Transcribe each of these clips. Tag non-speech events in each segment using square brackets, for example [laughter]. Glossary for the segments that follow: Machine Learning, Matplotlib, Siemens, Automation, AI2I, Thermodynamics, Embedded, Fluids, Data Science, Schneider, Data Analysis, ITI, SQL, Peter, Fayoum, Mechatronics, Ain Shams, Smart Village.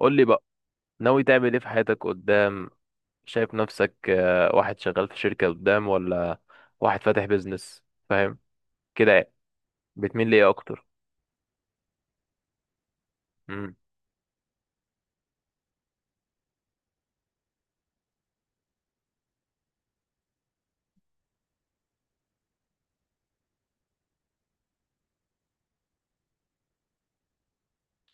قول لي بقى، ناوي تعمل ايه في حياتك قدام؟ شايف نفسك واحد شغال في شركة قدام، ولا واحد فاتح بيزنس فاهم كده يعني؟ بتميل ليه اكتر؟ امم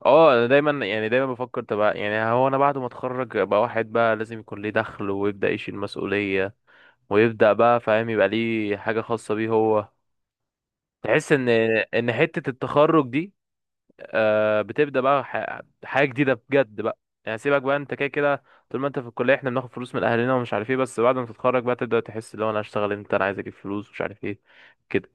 اه، انا دايما بفكر تبقى يعني، هو انا بعد ما اتخرج ابقى واحد بقى لازم يكون ليه دخل، ويبدأ يشيل مسؤولية، ويبدأ بقى فاهم، يبقى ليه حاجة خاصة بيه هو. تحس ان حتة التخرج دي بتبدا بقى حاجه جديده بجد بقى. يعني سيبك بقى، انت كده كده طول ما انت في الكليه احنا بناخد فلوس من اهلنا ومش عارف ايه، بس بعد ما تتخرج بقى تبدا تحس، اللي هو انا هشتغل امتى، انا عايز اجيب فلوس، مش عارف ايه كده.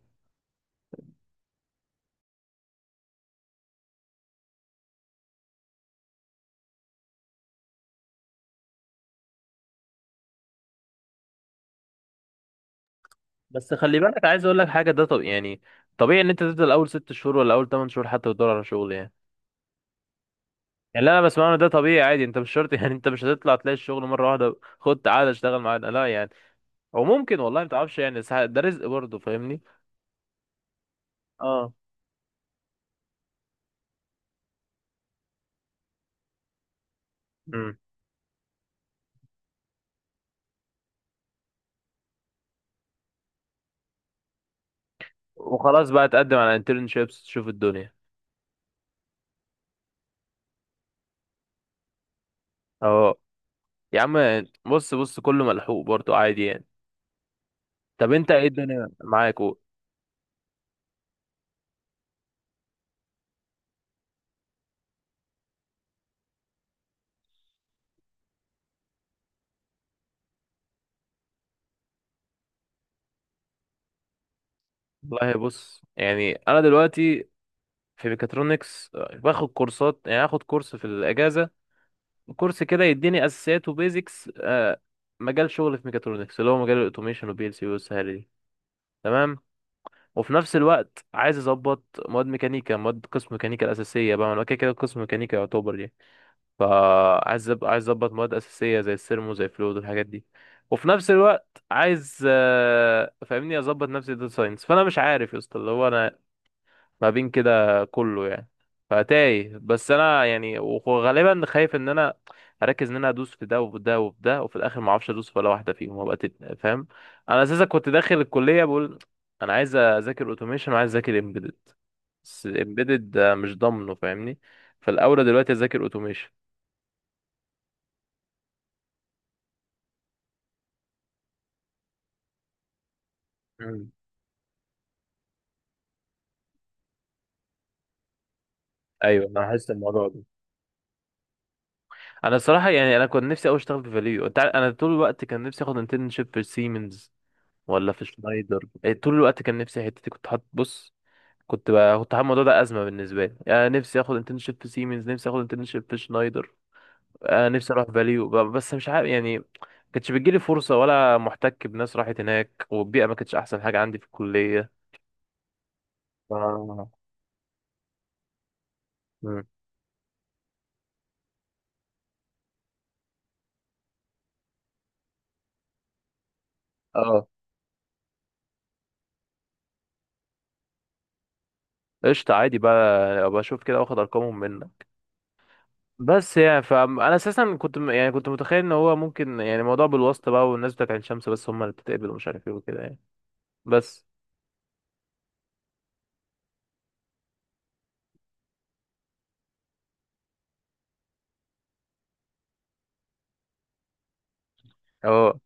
بس خلي بالك، عايز اقول لك حاجه، ده طب يعني طبيعي ان انت تفضل اول ست شهور ولا اول تمن شهور حتى تدور على شغل يعني. يعني اللي انا بسمعه إن ده طبيعي عادي، انت مش شرط [laughs] يعني انت مش هتطلع تلاقي الشغل مره واحده، خد تعالى اشتغل معانا، لا يعني. او ممكن والله ما تعرفش، يعني ده رزق برضه فاهمني. اه امم وخلاص بقى تقدم على انترنشيبس، تشوف الدنيا. اه يا عم، بص بص كله ملحوق برضو عادي يعني. طب انت ايه الدنيا معاك والله بص، يعني انا دلوقتي في ميكاترونكس باخد كورسات، يعني اخد كورس في الاجازه، كورس كده يديني اساسيات وبيزكس مجال شغل في ميكاترونكس، اللي هو مجال الاوتوميشن وبي ال سي والسهاله دي، تمام. وفي نفس الوقت عايز اظبط مواد ميكانيكا، مواد قسم ميكانيكا الاساسيه بقى، ما انا كده كده قسم ميكانيكا يعتبر يعني. عايز اظبط مواد اساسيه زي السيرمو زي فلويد والحاجات دي. وفي نفس الوقت عايز، فاهمني، اظبط نفسي داتا ساينس، فانا مش عارف يا اسطى، اللي هو انا ما بين كده كله يعني. فتايه، بس انا يعني، وغالبا خايف ان انا اركز ان انا ادوس في ده وفي ده وفي ده، وفي الاخر ما اعرفش ادوس في ولا واحده فيهم، وابقى فاهم. انا اساسا كنت داخل الكليه بقول، انا عايز اذاكر اوتوميشن وعايز اذاكر امبيدد، بس امبيدد مش ضامنه فاهمني، فالاولى دلوقتي اذاكر اوتوميشن. ايوه انا حاسس الموضوع ده. انا الصراحه يعني، انا كنت نفسي اوي اشتغل في فاليو، انت عارف انا طول الوقت كان نفسي اخد انترنشيب في سيمنز، ولا في شنايدر، طول الوقت كان نفسي، حتتي كنت حاطط بص، كنت حاطط الموضوع ده ازمه بالنسبه لي، يعني نفسي اخد انترنشيب في سيمنز، نفسي اخد انترنشيب في شنايدر، نفسي اروح فاليو بس مش عارف يعني، كانتش بتجيلي فرصه، ولا محتك بناس راحت هناك، والبيئه ما كانتش احسن حاجه عندي في الكليه. اه. مم. اه. قشطه عادي بقى، ابقى اشوف كده واخد ارقامهم منك. بس يعني، فانا اساسا يعني كنت متخيل ان هو ممكن، يعني موضوع بالواسطه بقى، والناس بتاعت عين شمس بس هم اللي بتتقبل، ومش عارف ايه وكده يعني. بس اه.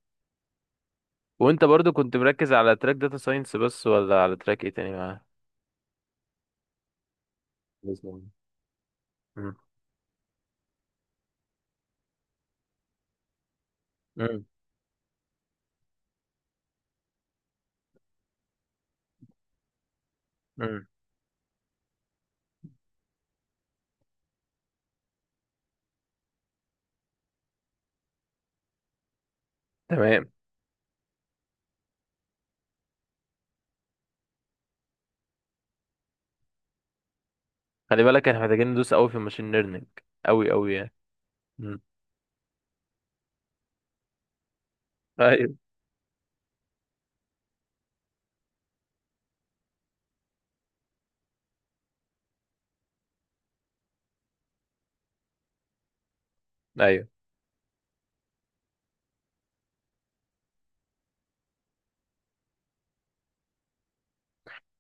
وانت برضو كنت مركز على تراك داتا ساينس بس، ولا على تراك ايه تاني معاه؟ بإذن. مم. الله. مم. مم. تمام. خلي بالك احنا محتاجين ندوس قوي في الماشين ليرنينج، قوي قوي يعني. مم. ايوه. ايوه.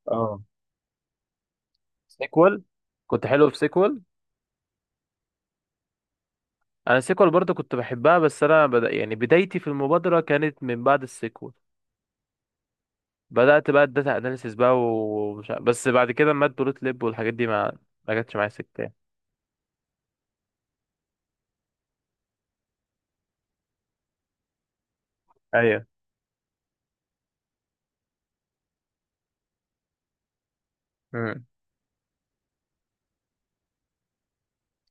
اه. سيكوال، كنت حلو في سيكوال. انا سيكوال برضو كنت بحبها، بس انا بدا يعني، بدايتي في المبادره كانت من بعد السيكوال، بدأت بقى الداتا اناليسيس بقى، بس بعد كده مات بلوت ليب والحاجات دي، ما ما جاتش معايا سكة يعني. ايوه. امم.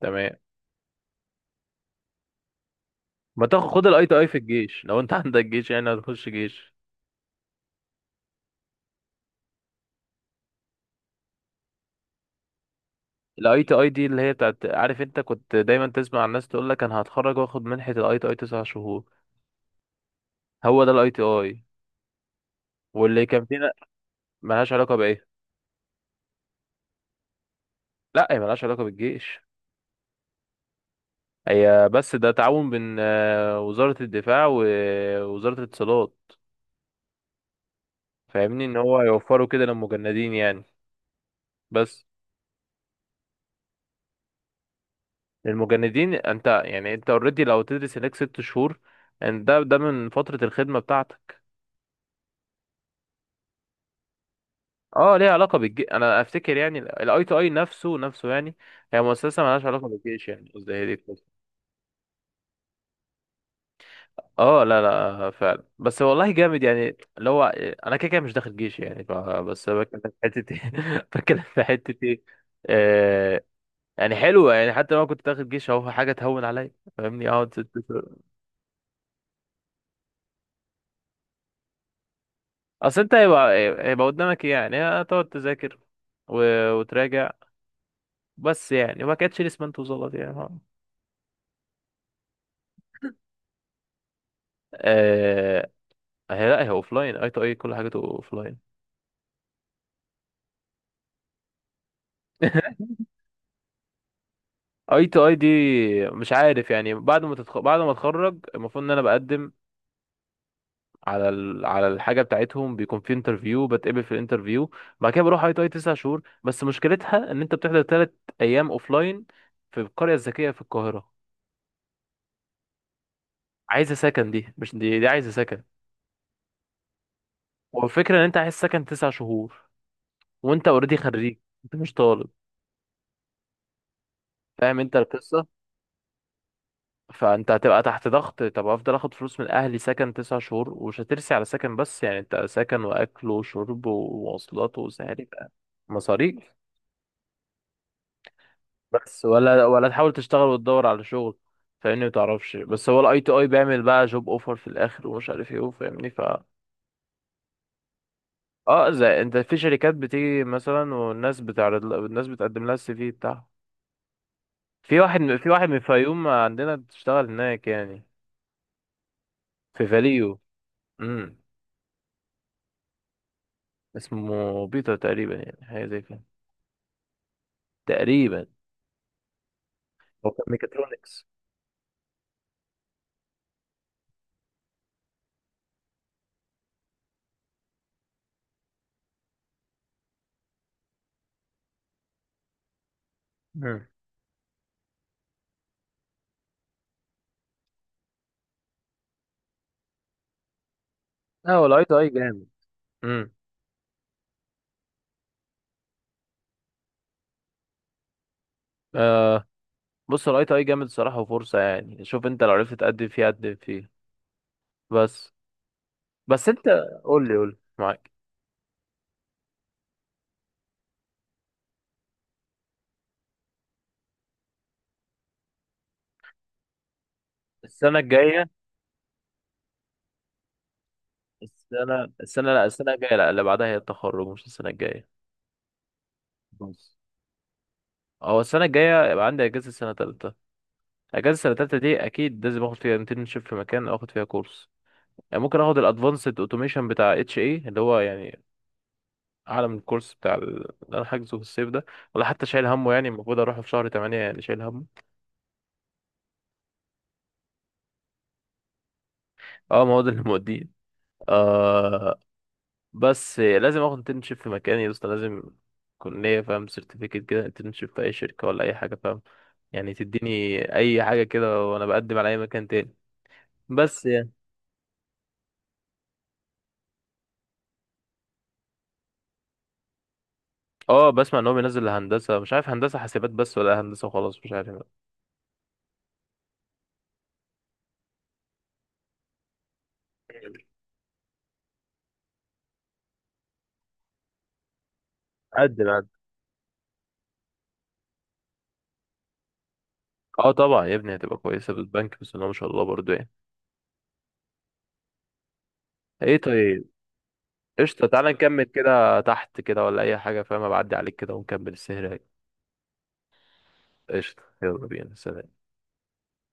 تمام. ما تاخد، خد الاي تي اي في الجيش لو انت [laughs] عندك جيش، يعني هتخش جيش. الاي تي اي دي اللي هي بتاعت، عارف انت كنت دايما تسمع الناس تقول لك انا هتخرج واخد منحة الاي تي اي تسع شهور؟ هو ده الاي تي اي، واللي كان فينا. ملهاش علاقة بايه؟ لا، هي ملهاش علاقة بالجيش. هي بس ده تعاون بين وزارة الدفاع ووزارة الاتصالات. فاهمني، ان هو يوفروا كده للمجندين يعني. بس للمجندين، انت يعني انت اوريدي لو تدرس هناك ست شهور، ان ده ده من فترة الخدمة بتاعتك. اه ليها علاقة بالجيش، انا افتكر يعني، الاي تو اي نفسه نفسه يعني، هي مؤسسة مالهاش علاقة بالجيش، يعني قصدي هي دي الفكرة. اه لا لا فعلا، بس والله جامد يعني، اللي هو انا كده كده مش داخل جيش يعني، بس بتكلم في حتة ايه [laughs] بتكلم في حتة ايه. آه. يعني حلوة يعني، حتى لو أنا كنت داخل جيش اهو، حاجة تهون عليا، فاهمني، اقعد ست شهور. اصل انت، هيبقى قدامك إيه يعني؟ هتقعد تذاكر و... وتراجع، بس يعني وما كانتش لسه، ما انت وظبط يعني، ها. آه... هي لا، هي اوف لاين، اي تو اي كل حاجته اوف لاين. [laughs] اي تو اي دي، مش عارف يعني بعد ما بعد ما اتخرج، المفروض ان انا بقدم على على الحاجه بتاعتهم، بيكون في انترفيو، بتقبل في الانترفيو، بعد كده بروح اي تو اي تسع شهور. بس مشكلتها ان انت بتحضر ثلاث ايام اوف لاين في القريه الذكيه في القاهره. عايزه سكن، دي مش دي, دي عايزه سكن. والفكرة ان انت عايز سكن تسع شهور، وانت اوريدي خريج، انت مش طالب، فاهم انت القصة؟ فانت هتبقى تحت ضغط، طب افضل اخد فلوس من اهلي، سكن تسع شهور، ومش هترسي على سكن، بس يعني انت سكن واكل وشرب ومواصلات وسعر بقى، مصاريف. بس ولا تحاول تشتغل وتدور على شغل، فاهمني؟ متعرفش، بس هو الاي تي اي بيعمل بقى جوب اوفر في الاخر ومش عارف ايه فاهمني ف، اه، زي انت في شركات بتيجي مثلا والناس بتعرض، الناس بتقدم لها السي في بتاعها. في واحد من الفيوم عندنا بتشتغل هناك يعني، في فاليو. امم. اسمه بيتر تقريبا، يعني حاجه زي كده، تقريبا. هو كان ميكاترونكس. امم. لا هو الاي تي اي جامد. امم. آه. بص الاي تي اي جامد الصراحه وفرصه، يعني شوف انت لو عرفت تقدم فيه قدم فيه، بس. بس انت قول لي معاك. السنه الجايه، السنه السنه لا السنه الجايه لا، اللي بعدها هي التخرج مش السنه الجايه. بس هو السنه الجايه يبقى عندي اجازه سنه تالتة، اجازه السنه التالتة دي اكيد لازم اخد فيها انترنشيب في مكان، او اخد فيها كورس، يعني ممكن اخد الادفانسد اوتوميشن بتاع اتش اي، اللي هو يعني اعلى من الكورس بتاع اللي انا حاجزه في الصيف ده. ولا حتى شايل همه يعني، المفروض اروح في شهر 8 يعني شايل همه. اه ما هو ده اللي موديه. آه. بس لازم اخد انترنشيب في مكان يا اسطى، لازم يكون ليا فاهم، سيرتيفيكت كده، انترنشيب في اي شركه ولا اي حاجه فاهم، يعني تديني اي حاجه كده، وانا بقدم على اي مكان تاني. بس اه، بسمع ان هو بينزل هندسه، مش عارف هندسه حاسبات بس، ولا هندسه وخلاص مش عارف. قد ما قد اه طبعا يا ابني هتبقى كويسه بالبنك، بس ان هو ما شاء الله برضو يعني. ايه طيب. قشطه تعالى نكمل كده تحت كده، ولا اي حاجه فاهم، بعدي عليك كده ونكمل السهره. قشطه يلا بينا، سلام.